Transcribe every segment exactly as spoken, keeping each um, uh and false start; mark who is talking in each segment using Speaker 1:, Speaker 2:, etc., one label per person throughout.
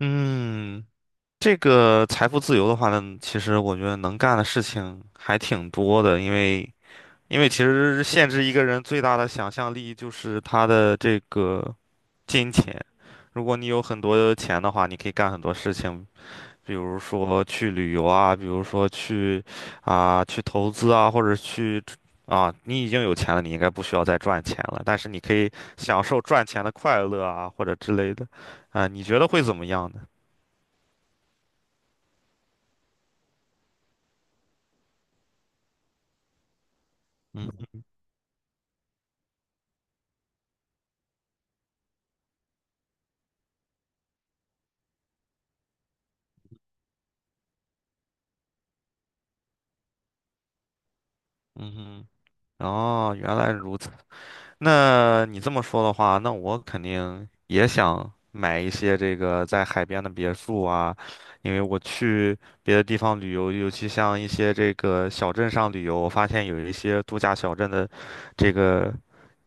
Speaker 1: 嗯，这个财富自由的话呢，其实我觉得能干的事情还挺多的，因为因为其实限制一个人最大的想象力就是他的这个金钱。如果你有很多钱的话，你可以干很多事情，比如说去旅游啊，比如说去啊、去投资啊，或者去啊，你已经有钱了，你应该不需要再赚钱了，但是你可以享受赚钱的快乐啊，或者之类的，啊，你觉得会怎么样呢？嗯哼。哦，原来如此。那你这么说的话，那我肯定也想买一些这个在海边的别墅啊，因为我去别的地方旅游，尤其像一些这个小镇上旅游，我发现有一些度假小镇的这个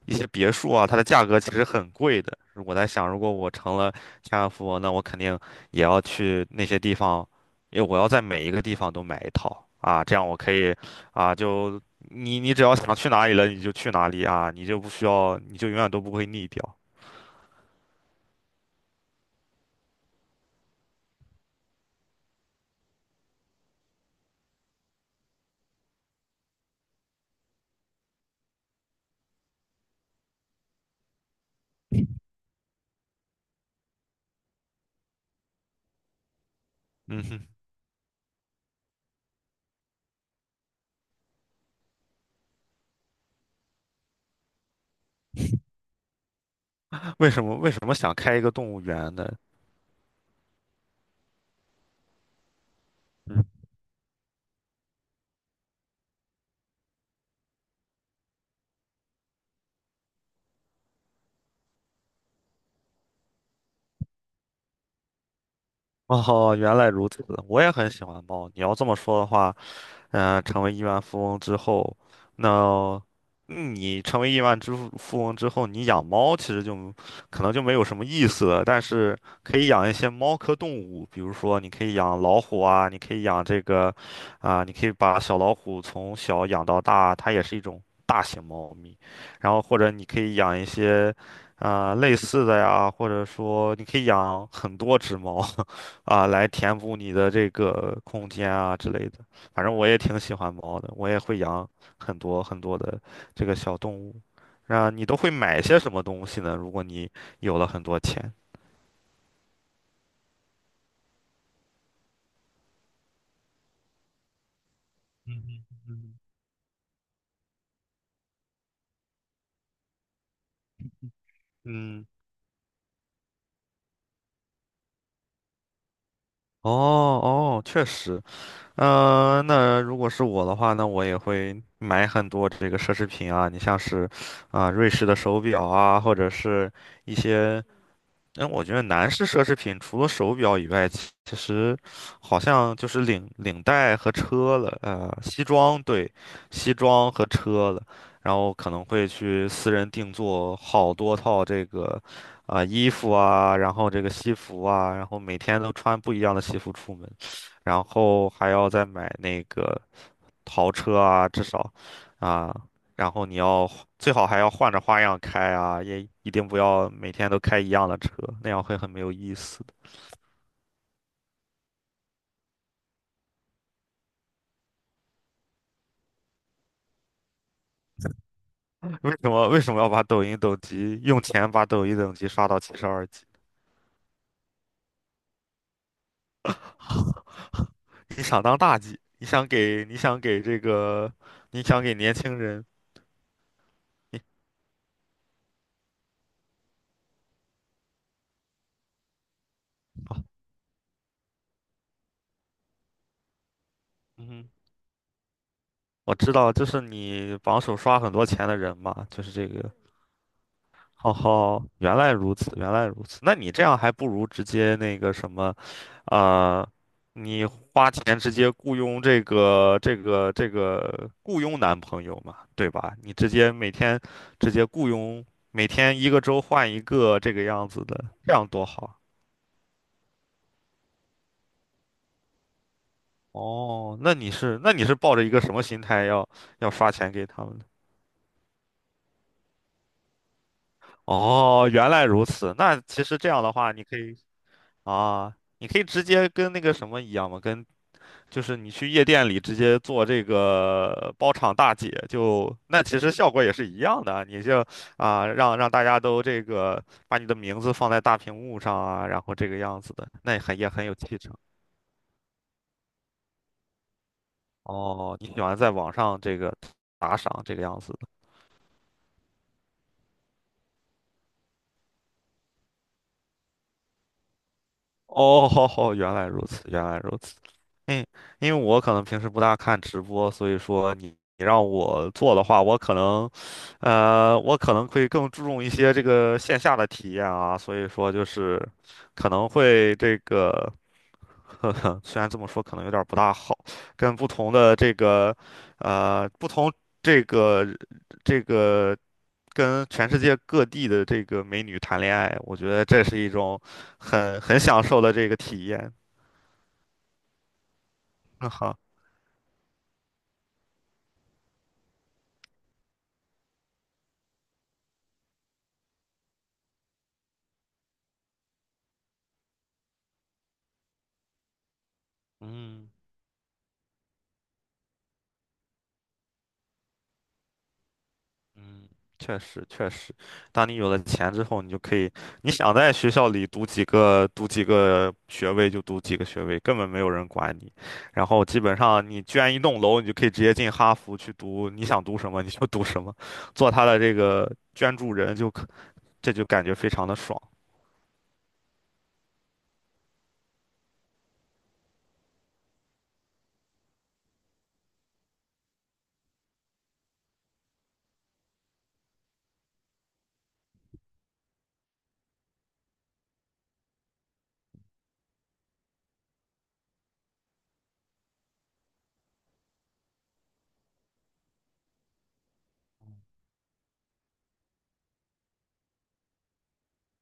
Speaker 1: 一些别墅啊，它的价格其实很贵的。我在想，如果我成了千万富翁，那我肯定也要去那些地方，因为我要在每一个地方都买一套啊，这样我可以啊，就你你只要想去哪里了，你就去哪里啊，你就不需要，你就永远都不会腻掉。嗯哼，为什么为什么想开一个动物园呢？嗯，哦，原来如此，我也很喜欢猫。你要这么说的话，嗯，成为亿万富翁之后，那嗯你成为亿万之富富翁之后，你养猫其实就可能就没有什么意思了，但是可以养一些猫科动物，比如说你可以养老虎啊，你可以养这个，啊、你可以把小老虎从小养到大，它也是一种大型猫咪，然后或者你可以养一些。啊、类似的呀，或者说你可以养很多只猫，啊、来填补你的这个空间啊之类的。反正我也挺喜欢猫的，我也会养很多很多的这个小动物。那你都会买些什么东西呢？如果你有了很多钱，嗯，哦哦，确实，嗯、那如果是我的话，那我也会买很多这个奢侈品啊，你像是啊、瑞士的手表啊，或者是一些那我觉得男士奢侈品除了手表以外，其其实好像就是领领带和车了，呃，西装，对，西装和车了，然后可能会去私人定做好多套这个，啊、衣服啊，然后这个西服啊，然后每天都穿不一样的西服出门，然后还要再买那个呃豪车啊，至少，啊，然后你要最好还要换着花样开啊，也一定不要每天都开一样的车，那样会很没有意思的。为什么为什么要把抖音等级用钱把抖音等级刷到七十二级？你想当大 G,你想给你想给这个，你想给年轻人，你嗯哼，我知道，就是你榜首刷很多钱的人嘛，就是这个哦吼，原来如此，原来如此。那你这样还不如直接那个什么，呃，你花钱直接雇佣这个这个这个雇佣男朋友嘛，对吧？你直接每天直接雇佣，每天一个周换一个这个样子的，这样多好啊。哦，那你是那你是抱着一个什么心态要要刷钱给他们的？哦，原来如此。那其实这样的话，你可以啊，你可以直接跟那个什么一样嘛，跟就是你去夜店里直接做这个包场大姐，就那其实效果也是一样的啊。你就啊、让让大家都这个把你的名字放在大屏幕上啊，然后这个样子的，那也很也很有气场。哦，你喜欢在网上这个打赏这个样子。哦，好好，原来如此，原来如此。嗯，因为我可能平时不大看直播，所以说你你让我做的话，我可能，呃，我可能会更注重一些这个线下的体验啊，所以说就是可能会这个，呵呵，虽然这么说可能有点儿不大好，跟不同的这个，呃，不同这个这个。跟全世界各地的这个美女谈恋爱，我觉得这是一种很很享受的这个体验。那好，嗯嗯，确实确实，当你有了钱之后，你就可以，你想在学校里读几个读几个学位就读几个学位，根本没有人管你。然后基本上你捐一栋楼，你就可以直接进哈佛去读，你想读什么你就读什么，做他的这个捐助人就可，这就感觉非常的爽。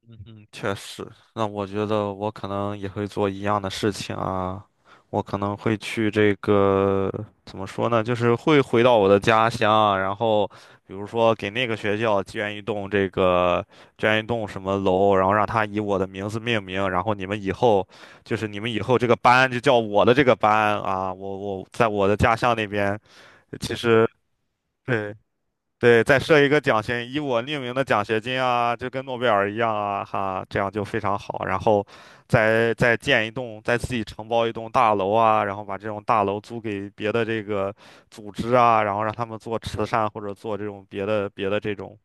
Speaker 1: 嗯哼，确实。那我觉得我可能也会做一样的事情啊，我可能会去这个，怎么说呢，就是会回到我的家乡啊，然后比如说给那个学校捐一栋这个，捐一栋什么楼，然后让它以我的名字命名，然后你们以后就是你们以后这个班就叫我的这个班啊，我我在我的家乡那边，其实。对。对，再设一个奖学，以我命名的奖学金啊，就跟诺贝尔一样啊，哈，这样就非常好。然后再，再建一栋，再自己承包一栋大楼啊，然后把这种大楼租给别的这个组织啊，然后让他们做慈善或者做这种别的别的这种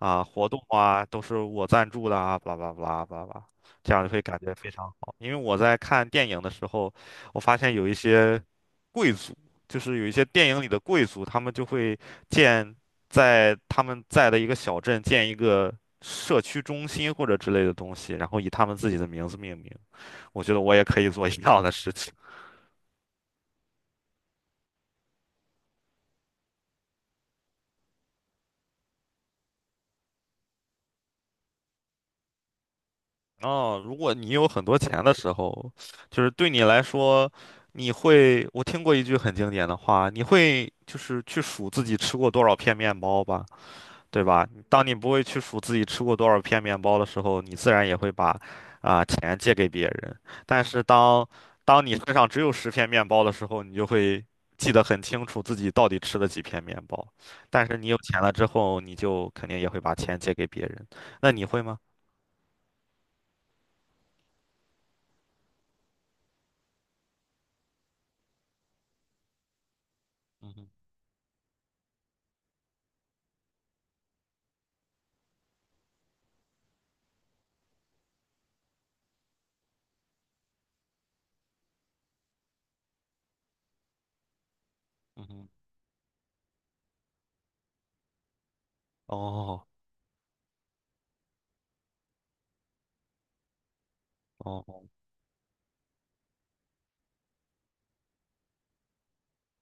Speaker 1: 啊活动啊，都是我赞助的啊，巴拉巴拉巴拉巴拉，这样就会感觉非常好。因为我在看电影的时候，我发现有一些。贵就是有一些电影里的贵族，他们就会建在他们在的一个小镇建一个社区中心或者之类的东西，然后以他们自己的名字命名。我觉得我也可以做一样的事情。哦，如果你有很多钱的时候，就是对你来说，你会，我听过一句很经典的话，你会就是去数自己吃过多少片面包吧？对吧？当你不会去数自己吃过多少片面包的时候，你自然也会把啊、钱借给别人。但是当当你身上只有十片面包的时候，你就会记得很清楚自己到底吃了几片面包。但是你有钱了之后，你就肯定也会把钱借给别人。那你会吗？嗯哼，嗯哼，哦哦。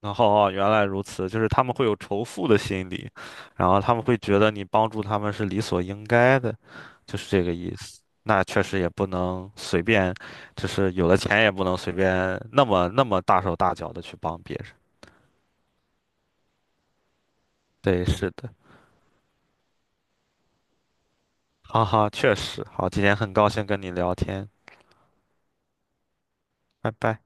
Speaker 1: 然后哦，原来如此，就是他们会有仇富的心理，然后他们会觉得你帮助他们是理所应该的，就是这个意思。那确实也不能随便，就是有了钱也不能随便那么那么大手大脚的去帮别人。对，是的，哈哈，确实。好，今天很高兴跟你聊天，拜拜。